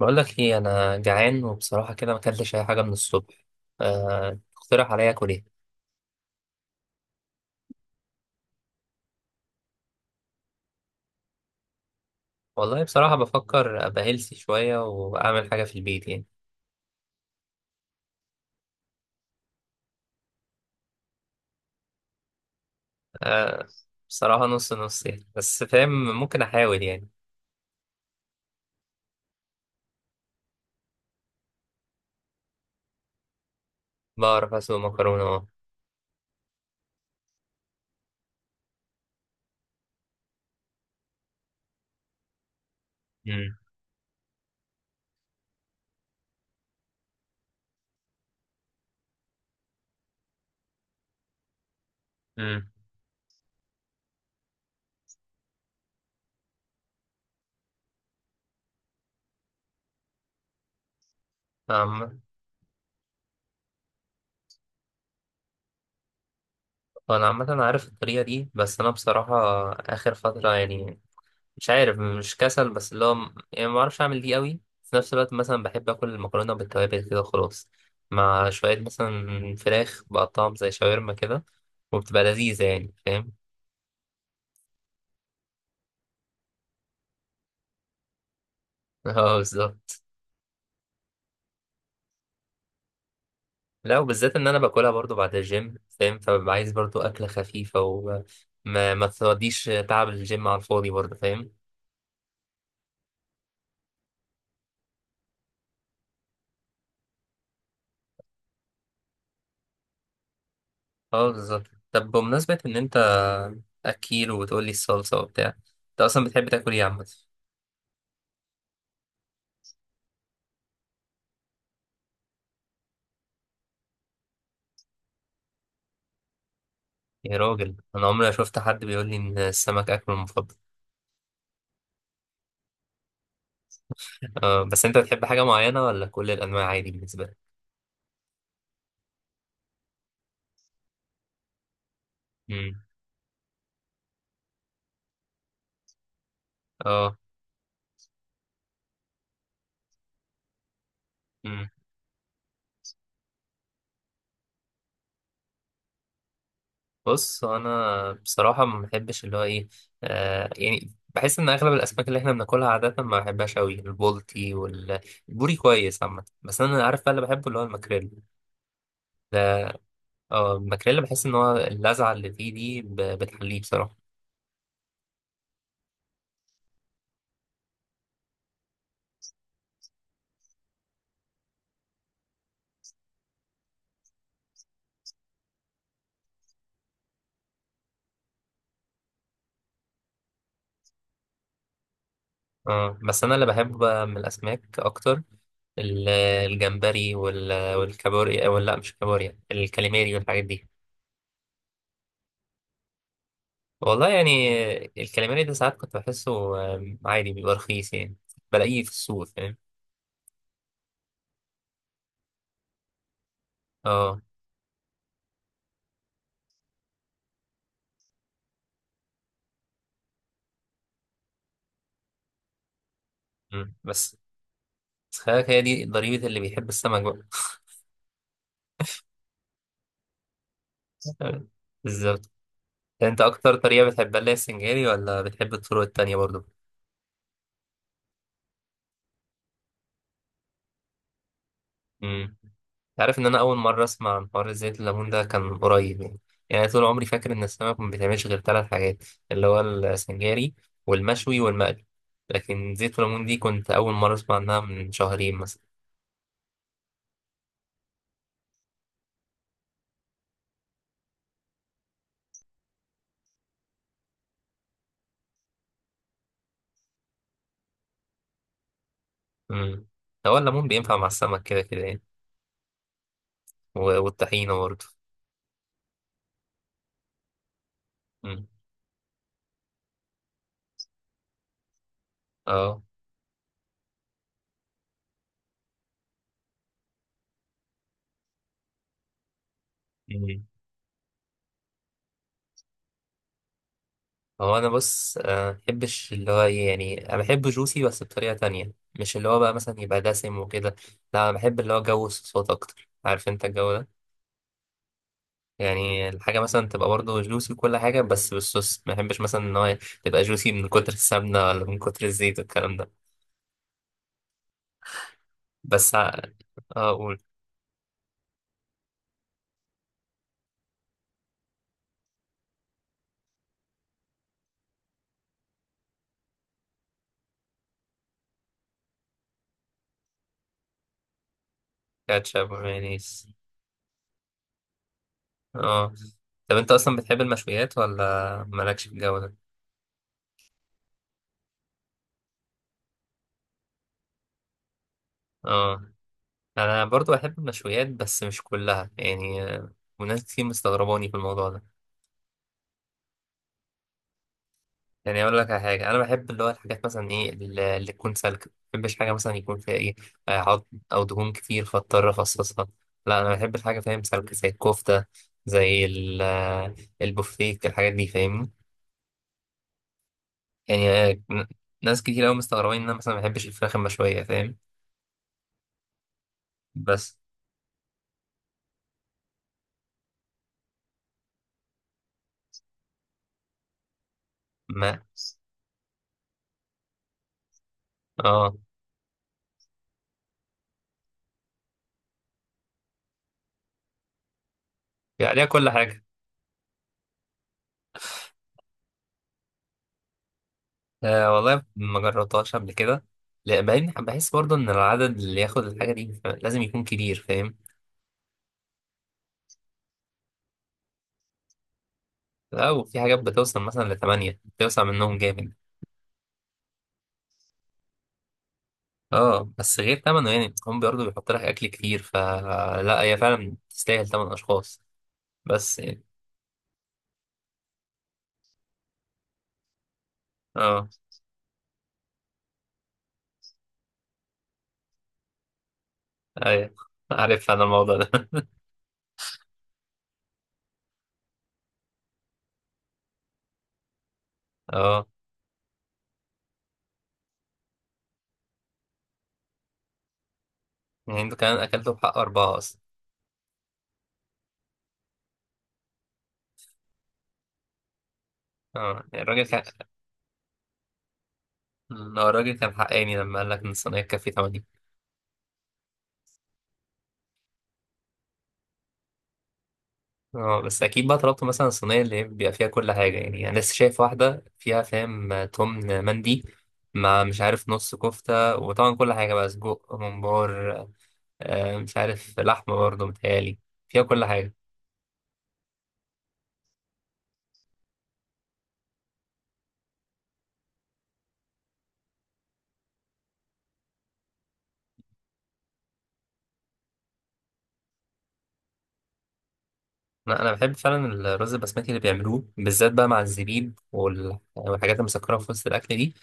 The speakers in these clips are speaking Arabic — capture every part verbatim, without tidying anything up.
بقول لك ايه، انا جعان وبصراحه كده ما اكلتش اي حاجه من الصبح. أه، تقترح عليا اكل ايه؟ والله بصراحه بفكر ابقى هيلثي شويه واعمل حاجه في البيت يعني. أه. بصراحه نص نص يعني، بس فاهم. ممكن احاول يعني. بعرف اسوي مكرونه، اه. امم امم عم- انا عامه عارف الطريقه دي، بس انا بصراحه اخر فتره يعني مش عارف، مش كسل، بس اللي هو م- يعني ما بعرفش اعمل دي قوي في نفس الوقت. مثلا بحب اكل المكرونه بالتوابل كده خلاص، مع شويه مثلا فراخ بقطعهم زي شاورما كده، وبتبقى لذيذه يعني، فاهم؟ اه، بالظبط. لا، وبالذات ان انا باكلها برضو بعد الجيم، فاهم؟ فببقى عايز برضو اكله خفيفه، وما ما ما توديش تعب الجيم على الفاضي برضو، فاهم؟ اه بالظبط. طب بمناسبه ان انت اكيل وبتقولي الصلصه وبتاع، انت اصلا بتحب تاكل ايه عامه؟ يا راجل، انا عمري ما شفت حد بيقول لي ان السمك اكله المفضل. آه، بس انت بتحب حاجه معينه ولا كل الانواع عادي بالنسبه لك؟ امم. اه. امم. بص، انا بصراحه ما بحبش اللي هو ايه، آه، يعني بحس ان اغلب الاسماك اللي احنا بناكلها عاده ما بحبهاش قوي. البولتي والبوري كويس عامه، بس انا عارف بقى اللي بحبه اللي هو الماكريل. ده. اه، الماكريل، بحس ان هو اللذعه اللي فيه دي ب- بتحليه بصراحه. اه، بس انا اللي بحبه بقى من الاسماك اكتر ال- الجمبري وال- والكابوريا، ولا لا، مش الكابوريا، الكاليماري والحاجات دي. والله يعني. الكاليماري ده ساعات كنت بحسه آم، عادي، بيبقى رخيص يعني، بلاقيه في السوق، فاهم؟ اه. مم. بس. بس خلي بالك، هي دي ضريبة اللي بيحب السمك بقى. بالظبط. انت اكتر طريقة بتحبها اللي هي السنجاري، ولا بتحب الطرق التانية برضه؟ امم. عارف ان انا اول مره اسمع عن حوار زيت الليمون ده كان قريب يعني. يعني طول عمري فاكر ان السمك ما بيتعملش غير ثلاث حاجات، اللي هو السنجاري والمشوي والمقلي. لكن زيت الليمون دي كنت اول مره اسمع عنها من شهرين مثلا. امم. هو الليمون بينفع مع السمك كده كده يعني؟ و- والطحينه برضه. امم. اه. امم. هو انا بص، آه، بحبش اللي هو ايه، يعني انا بحب جوسي بس بطريقه تانية، مش اللي هو بقى مثلا يبقى دسم وكده. لا، انا بحب اللي هو جو الصوصات اكتر، عارف انت الجو ده؟ يعني الحاجة مثلا تبقى برضه جوسي وكل حاجة بس بالصوص، ما بحبش مثلا إن هو تبقى جوسي من كتر السمنة ولا من كتر الزيت والكلام ده. بس ع- اه، قول. كاتشب ومايونيز. اه. طب انت اصلا بتحب المشويات ولا مالكش في الجو ده؟ اه، انا برضو بحب المشويات بس مش كلها يعني، آه، وناس كتير مستغرباني في الموضوع ده. يعني اقول لك على حاجه، انا بحب اللي هو الحاجات مثلا ايه، اللي اللي تكون سالكه. ما بحبش حاجه مثلا يكون فيها ايه، آه، عظم او دهون كتير فاضطر افصصها. لا، انا بحب الحاجه، فاهم، سالكه زي الكفته، زي ال- آه، البوفتيك، الحاجات دي فاهمني. يعني آه، ن- ناس كتير قوي مستغربين ان انا مثلا ما بحبش الفراخ المشويه، فاهم؟ بس ما اه، في عليها كل حاجه. آه والله ما جربتهاش قبل كده. لا، بعدين بحس برضه ان العدد اللي ياخد الحاجه دي لازم يكون كبير، فاهم؟ لا، وفي حاجات بتوصل مثلا لثمانية بتوسع منهم جامد. اه، بس غير ثمنه يعني، هم برضه بيحط لك أكل كتير، فلا هي فعلا تستاهل ثمن أشخاص، بس يعني. اه. أيوة. عارف أنا الموضوع ده. اه، يعني انتوا كمان أكلتوا بحق أربعة أصلا. اه يعني الراجل كان، آه، الراجل كان حقاني لما قال لك إن الصينية تكفي تمانية. اه، بس اكيد بقى طلبت مثلا الصينيه اللي هي بيبقى فيها كل حاجه يعني. انا لسه شايف واحده فيها، فاهم، تمن مندي، مع مش عارف نص كفته، وطبعا كل حاجه بقى، سجق، ممبار، آه، مش عارف لحمه برضه متهيألي، فيها كل حاجه. انا أنا بحب فعلا الرز البسمتي اللي بيعملوه، بالذات بقى مع الزبيب وال- والحاجات المسكره في وسط الاكل دي،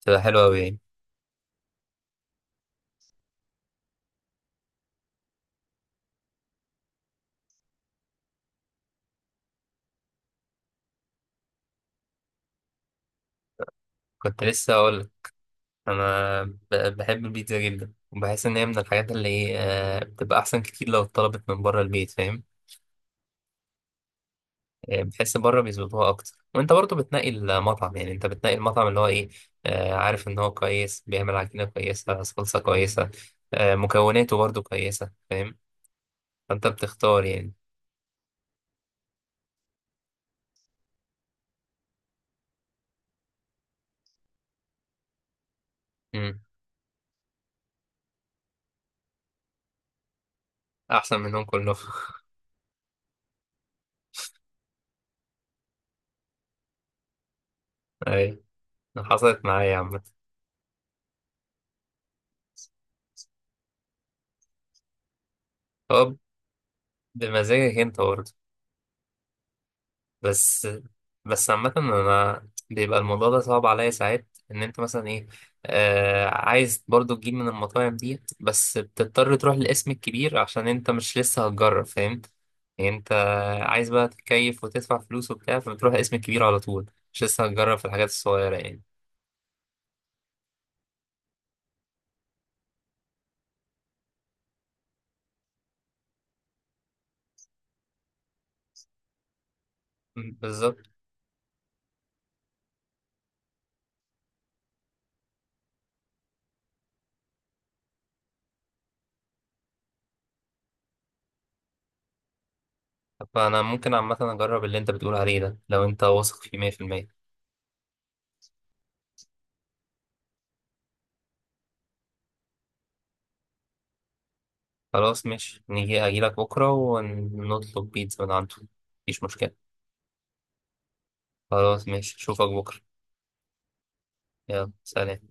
بتبقى حلوه قوي يعني. كنت لسه اقول لك، انا ب- بحب البيتزا جدا، وبحس ان هي من الحاجات اللي إيه، آه، بتبقى احسن كتير لو اتطلبت من بره البيت، فاهم؟ يعني بتحس بره بيظبطوها اكتر، وانت برضه بتنقي المطعم، يعني انت بتنقي المطعم اللي هو ايه، آه، عارف ان هو كويس، بيعمل عجينه كويسه، صلصه كويسه، آه مكوناته برضه كويسه، فاهم؟ فانت بتختار يعني. مم. احسن منهم كلهم. اي، حصلت معايا يا عم. هو بمزاجك انت برضه. بس بس عامة أنا بيبقى الموضوع ده صعب عليا ساعات، إن أنت مثلا إيه آه عايز برضو تجيب من المطاعم دي، بس بتضطر تروح للاسم الكبير عشان أنت مش لسه هتجرب، فاهم؟ يعني أنت عايز بقى تتكيف وتدفع فلوس وبتاع، فبتروح للاسم الكبير على طول، مش لسه هتجرب في الحاجات الصغيرة يعني. م، بالظبط. فأنا ممكن عامة أجرب اللي أنت بتقول عليه ده لو أنت واثق فيه مية في المية. خلاص ماشي، نيجي أجيلك بكرة ونطلب بيتزا من عنده، مفيش مشكلة. خلاص ماشي، اشوفك بكرة. يلا، سلام.